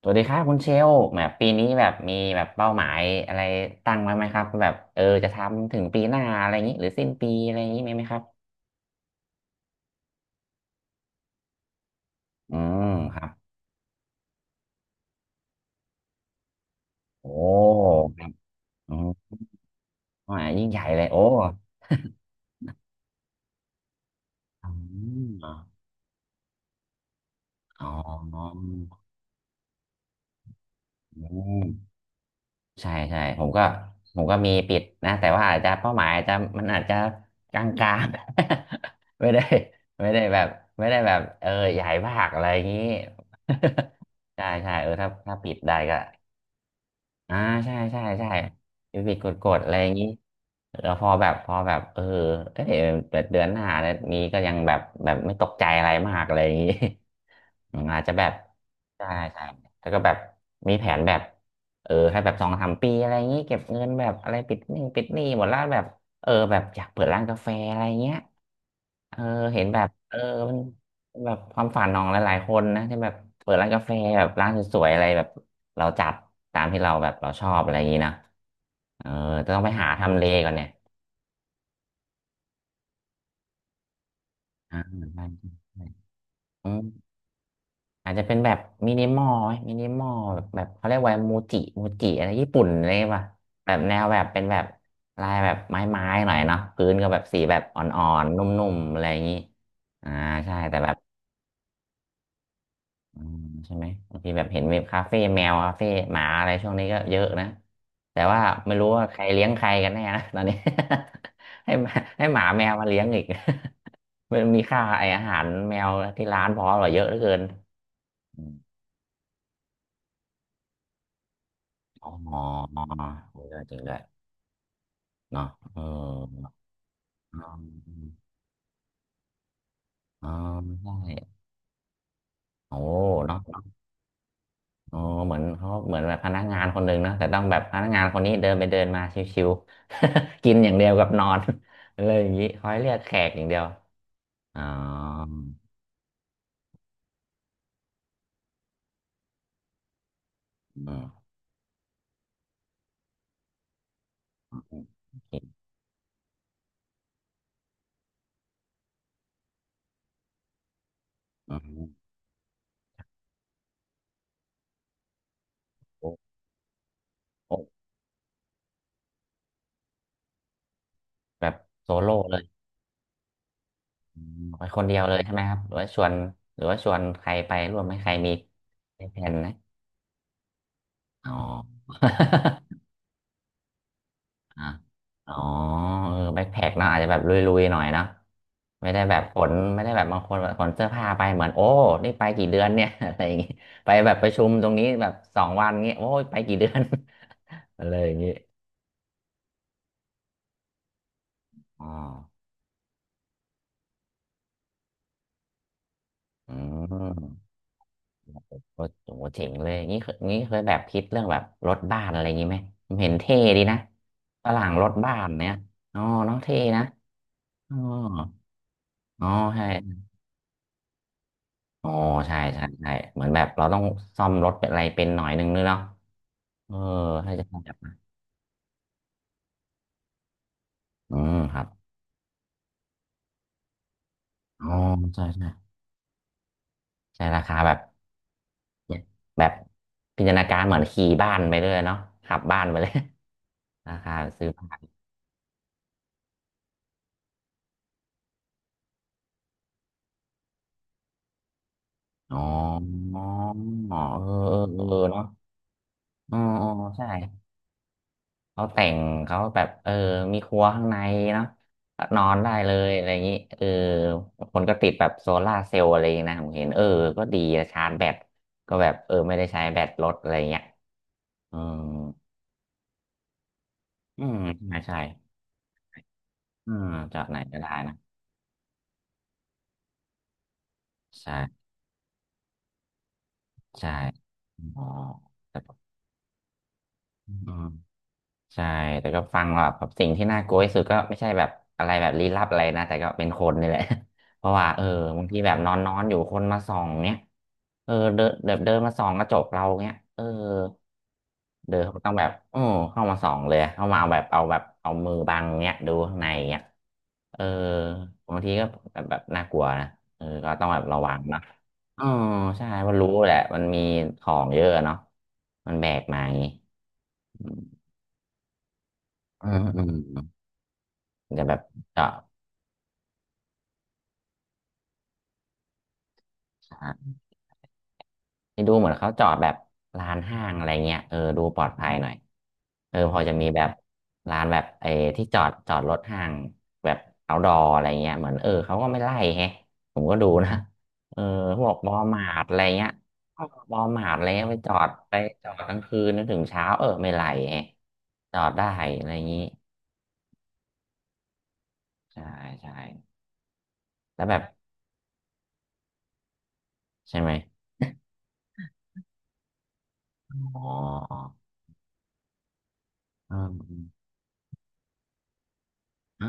สวัสดีครับคุณเชลล์แบบปีนี้แบบมีแบบเป้าหมายอะไรตั้งไว้ไหมครับแบบจะทำถึงปีหน้าอะไรอย่างนี้หรือสิ้นปีอะไรอย่างนี้มีไหมครับอืมครับโอ้ครับอืมอ่ายิ่งใหญ่เลยโอ้อืมอ๋ออืมใช่ใช่ผมก็มีปิดนะแต่ว่าอาจจะเป้าหมายอาจจะมันอาจจะกลางๆ ไม่ได้ไม่ได้แบบไม่ได้แบบใหญ่มากอะไรอย่างนี้ ใช่ใช่เออถ้าปิดได้ก็ อ่าใช่ใช่ใช่ยูบิกดกดๆอะไรอย่างนี้แล้วพอแบบเออเอ้ยแบบเดือนหน้าเนี่ยนี้ก็ยังแบบแบบไม่ตกใจอะไรมากอะไรอย่างนี้ อืมอาจจะแบบใช่ใช่แล้วก็แบบมีแผนแบบให้แบบสองสามปีอะไรอย่างนี้เก็บเงินแบบอะไรปิดหนี้หมดแล้วแบบแบบอยากเปิดร้านกาแฟอะไรเงี้ยเออเห็นแบบเออมัน แบบความฝันของหลายๆคนนะที่แบบเปิดร้านกาแฟแบบร้านสวยๆอะไรแบบเราจัดตามที่เราแบบเราชอบอะไรอย่างนี้นะเออจะต้องไปหาทำเลก่อนเนี่ยอ่าใช่ใช่อืมอาจจะเป็นแบบมินิมอลไหมมินิมอลแบบแบบเขาเรียกว่ามูจิมูจิอะไรญี่ปุ่นอะไรป่ะแบบแนวแบบเป็นแบบลายแบบไม้ๆหน่อยเนาะพื้นก็แบบสีแบบอ่อนๆนุ่มๆอะไรอย่างนี้อ่าใช่แต่แบบ อืมใช่ไหมบางทีแบบเห็นเว็บคาเฟ่แมวคาเฟ่หมาอะไรช่วงนี้ก็เยอะนะแต่ว่าไม่รู้ว่าใครเลี้ยงใครกันแน่นะตอนนี้ ให้หมาให้หมาแมวมาเลี้ยงอีก มันมีค่าไออาหารแมวที่ร้านพอหรอเยอะเหลือเกินอมอ๋อจริงด้วยจริงด้วยเนาะเอออ๋ออ๋อใช่โอ้เนาะ อ๋อเหมือนเขาเหมือนแบบพนักงานคนหนึ่งเนอะแต่ต้องแบบพนักงานคนนี้เดินไปเดินมาชิวๆ กินอย่างเดียวกับนอน เลยอย่างนี้คอยเรียกแขกอย่างเดียวอ๋ออือมโอเคอืมโอ้โอ้แบบโซโล่เลยอืมไปคนเดียวเลยใช่ไหมครับหรือว่าชวนหรือว่าชวนใครไปร่วมไหมใครมีมีแผนนะอ๋อ อ่ะอ๋อแบ็คแพ็คเนาะอาจจะแบบลุยๆหน่อยเนาะไม่ได้แบบขนไม่ได้แบบบางคนแบบขนเสื้อผ้าไปเหมือนโอ้นี่ไปกี่เดือนเนี่ย อะไรอย่างงี้ไปแบบประชุมตรงนี้แบบสองวันเงี้ยโอ้ยไปกี่เดือน อะไรอย่างงี้อ๋ออืมโอ้โหเจ๋งเลยงี้เคยงี้เคยแบบคิดเรื่องแบบรถบ้านอะไรอย่างงี้ไหมผมเห็นเท่ดีนะฝรั่งรถบ้านเนี่ยอ๋อเน้องเท่นะอ๋ออ๋อใช่อ๋อใช่ใช่ใช่เหมือนแบบเราต้องซ่อมรถเป็นอะไรเป็นหน่อยนึงเนาะ เออถ้าจะต้องจับมาอืมครับอ๋อใช่ใช่ใช่ราคาแบบเนี่ยแบบพิจารณาการเหมือนขี่บ้านไปเลยเนาะขับบ้านไปเลย ราคาซื้อบ้านอ๋ออ๋อเออเออเนาะอ๋ออ๋อใช่เขาแต่งเขาแบบมีครัวข้างในเนาะนอนได้เลยอะไรอย่างนี้เออคนก็ติดแบบโซลาร์เซลล์อะไรอย่างงี้นะผมเห็นเออก็ดีนะชาร์จแบตก็แบบไม่ได้ใช้แบตรถอะไรอย่างเงี้ยอืมอืมใช่ใช่ อืมจากไหนก็ได้นะใช่ใช่อ๋อแต่อืม ใช่แต่ก็ฟังแบบแบบสิ่งที่น่ากลัวที่สุดก็ไม่ใช่แบบอะไรแบบลี้ลับอะไรนะแต่ก็เป็นคนนี่แหละ เพราะว่าบางทีแบบนอนนอนอยู่คนมาส่องเนี้ยเออเดินเดินเดินมาส่องกระจกเราเนี้ยเออเดินเขาต้องแบบโอ้เข้ามาส่องเลยเข้ามาเอามือบังเนี้ยดูข้างในเนี้ยเออบางทีก็แบบแบบน่ากลัวนะเออก็ต้องแบบระวังนะอ๋อใช่เพราะรู้แหละมันมีของเยอะเนาะมันแบกมาอย่างงี้อืมอืม จะแบบจอดอ่านี่ดูเหมือนเขาจอดแบบลานห้างอะไรเงี้ยเออดูปลอดภัยหน่อยเออพอจะมีแบบลานแบบไอ้ที่จอดรถห้างแบบเอาดออะไรเงี้ยเหมือนเออเขาก็ไม่ไล่แฮะผมก็ดูนะเออพวกวอลมาร์ทอะไรเงี้ยวอลมาร์ทอะไรเงี้ยไปจอดไปจอดกลางคืนจนถึงเช้าเออไม่ไล่แฮะจอดได้อะไรอย่างงี้ใช่ใช่แล้วแบบใช่ไหมอ๋ออ๋อ อ๋อ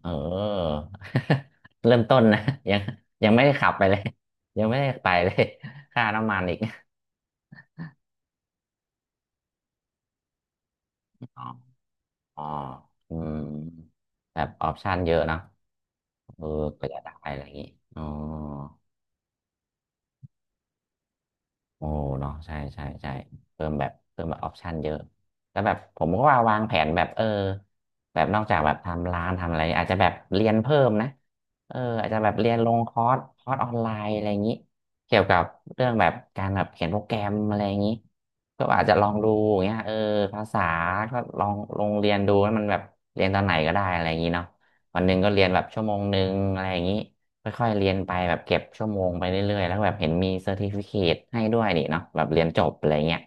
เออ เริ่มต้นนะยังยังไม่ได้ขับไปเลย ยังไม่ได้ไปเลย ค่าน้ำมันอีก อ๋ออ๋ออืมแบบออปชันเยอะเนอะเออก็จะได้อะไรอย่างงี้อ๋อ โอ้เนาะใช่ใช่ใช่เพิ่มแบบออปชันเยอะแล้วแบบผมก็ว่าวางแผนแบบเออแบบนอกจากแบบทำร้านทำอะไรอาจจะแบบเรียนเพิ่มนะเอออาจจะแบบเรียนลงคอร์สออนไลน์อะไรอย่างนี้เกี่ยวกับเรื่องแบบการแบบเขียนโปรแกรมอะไรอย่างนี้ก็อาจจะลองดูอย่างเงี้ยเออภาษาก็ลองลงเรียนดูให้มันแบบเรียนตอนไหนก็ได้อะไรอย่างนี้เนาะวันหนึ่งก็เรียนแบบชั่วโมงหนึ่งอะไรอย่างนี้ ค่อยๆเรียนไปแบบเก็บชั่วโมงไปเรื่อยๆแล้วแบบเห็นมีเซอร์ติฟิเคตให้ด้วยนี่เนาะแบบเรียนจบอะไรเงี้ย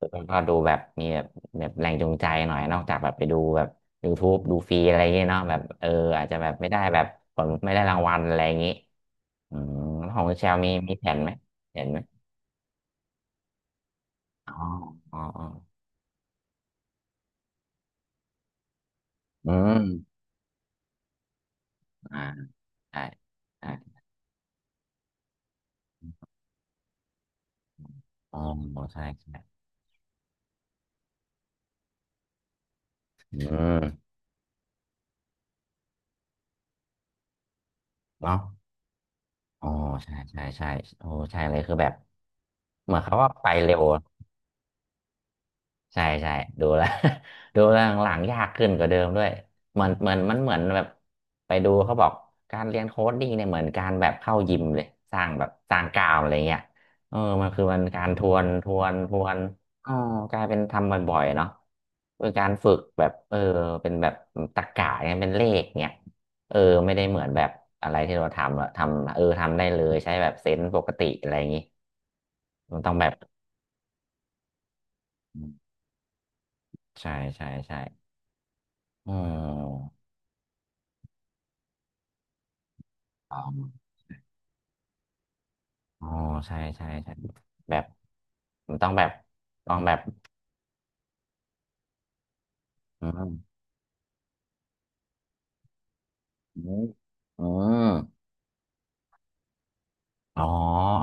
มันก็ดูแบบมีแบบแบบแรงจูงใจหน่อยนอกจากแบบไปดูแบบ YouTube ดูฟรีอะไรเงี้ยเนาะแบบเอออาจจะแบบไม่ได้แบบผลไม่ได้รางวัลอะไรอย่างงี้อืมแล้วของคุณเชลมีแผนไหมเห็นไหมอ๋ออ๋ออ๋ออืมอ่าใช่ใช่อ๋อใช่ใช่อืมเนาะอ๋อใช่ใช่ใช่โอ้ใช่เลยคือแบบเหมือนเขาก็ไปเร็ว ใช่ใช่ดูแล้ว ดูแล้วหลังๆยากขึ้นกว่าเดิมด้วยเหมือนมันเหมือนแบบไปดูเขาบอกการเรียนโค้ดดิ้งเนี่ยเหมือนการแบบเข้ายิมเลยสร้างแบบสร้างกล้ามอะไรเงี้ยเออมันคือมันการทวนอ๋อกลายเป็นทำบ่อยๆเนาะเป็นการฝึกแบบเออเป็นแบบตรรกะเนี่ยเป็นเลขเนี่ยเออไม่ได้เหมือนแบบอะไรที่เราทำอะทำเออทำได้เลยใช้แบบเซนส์ปกติอะไรอย่างงี้มันต้องแบบใช่ใช่ใช่อืม อ๋ออ๋อใช่ใช่ใช่แบบมันต้องแบบต้องแบบอืมอืมอืมอ๋อ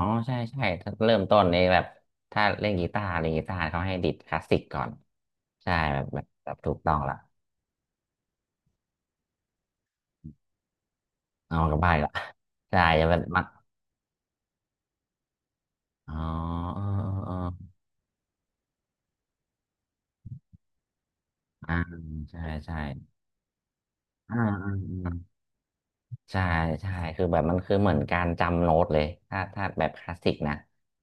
อ๋อใช่ใช่ถ้าเริ่มต้นนี่แบบถ้าเล่นกีตาร์เขาให้ดิดคลาสสิกก่อนใช่แบบถูกต้องละเอากลับบ้านอีกละ ใช่จะเป็นมัดอ๋อเออเออเอออ่าใช่ใช่อ่าอ่า ใช่ใช่คือแบบมันคือเหมือนการจำโน้ตเลยถ้าแบบคลาสสิกนะ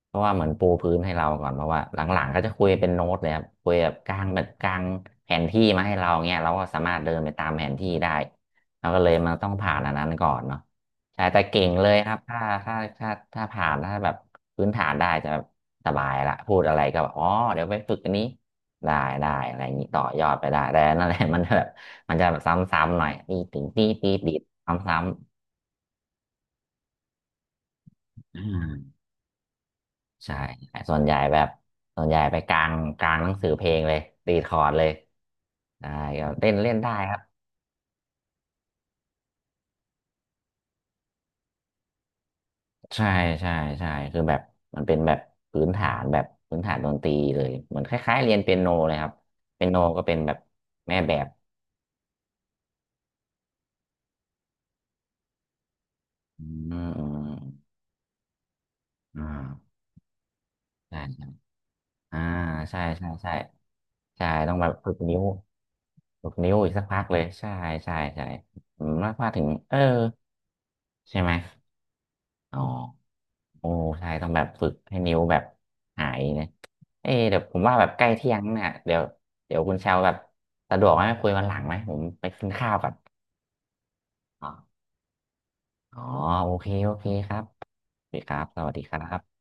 เพราะว่าเหมือนปูพื้นให้เราก่อนเพราะว่าหลังๆก็จะคุยเป็นโน้ตเลยครับคุยแบบกลางแผนที่มาให้เราเงี้ยเราก็สามารถเดินไปตามแผนที่ได้เราก็เลยมันต้องผ่านอันนั้นก่อนเนาะใช่แต่เก่งเลยครับถ้าถ้าผ่านถ้าแบบพื้นฐานได้จะแบบสบายละพูดอะไรก็แบบอ๋อเดี๋ยวไปฝึกอันนี้ได้ได้อะไรอย่างนี้ต่อยอดไปได้แต่นั่นแหละ มันแบบ มันจะแบบซ้ำๆหน่อยตีถึงตีซ้ำๆอ่าๆใช่ส่วนใหญ่แบบส่วนใหญ่ไปกลางหนังสือเพลงเลยตีคอร์ดเลยได้ก็เต้นเล่นได้ครับใช่ใช่ใช่คือแบบมันเป็นแบบพื้นฐานแบบพื้นฐานดนตรีเลยเหมือนคล้ายๆเรียนเปียโนเลยครับเปียโนก็เป็นแบบแม่แบบอืมอืมอ่าใช่ใช่อ่าใช่ใช่ใช่ใช่ต้องแบบฝึกนิ้ว หกนิ้วอีกสักพักเลยใช่ใช่ใช่ผมว่าถึงเออใช่ไหมอ๋อโอ้ใช่ต้องแบบฝึกให้นิ้วแบบหายนะเออเดี๋ยวผมว่าแบบใกล้เที่ยงเนี่ยเดี๋ยวเดี๋ยวคุณเชาวแบบสะดวกไหมคุยวันหลังไหมผมไปกินข้าวก่อนอ๋ออ๋อโอเคโอเคครับสวัสดีครับสวัสดีครับ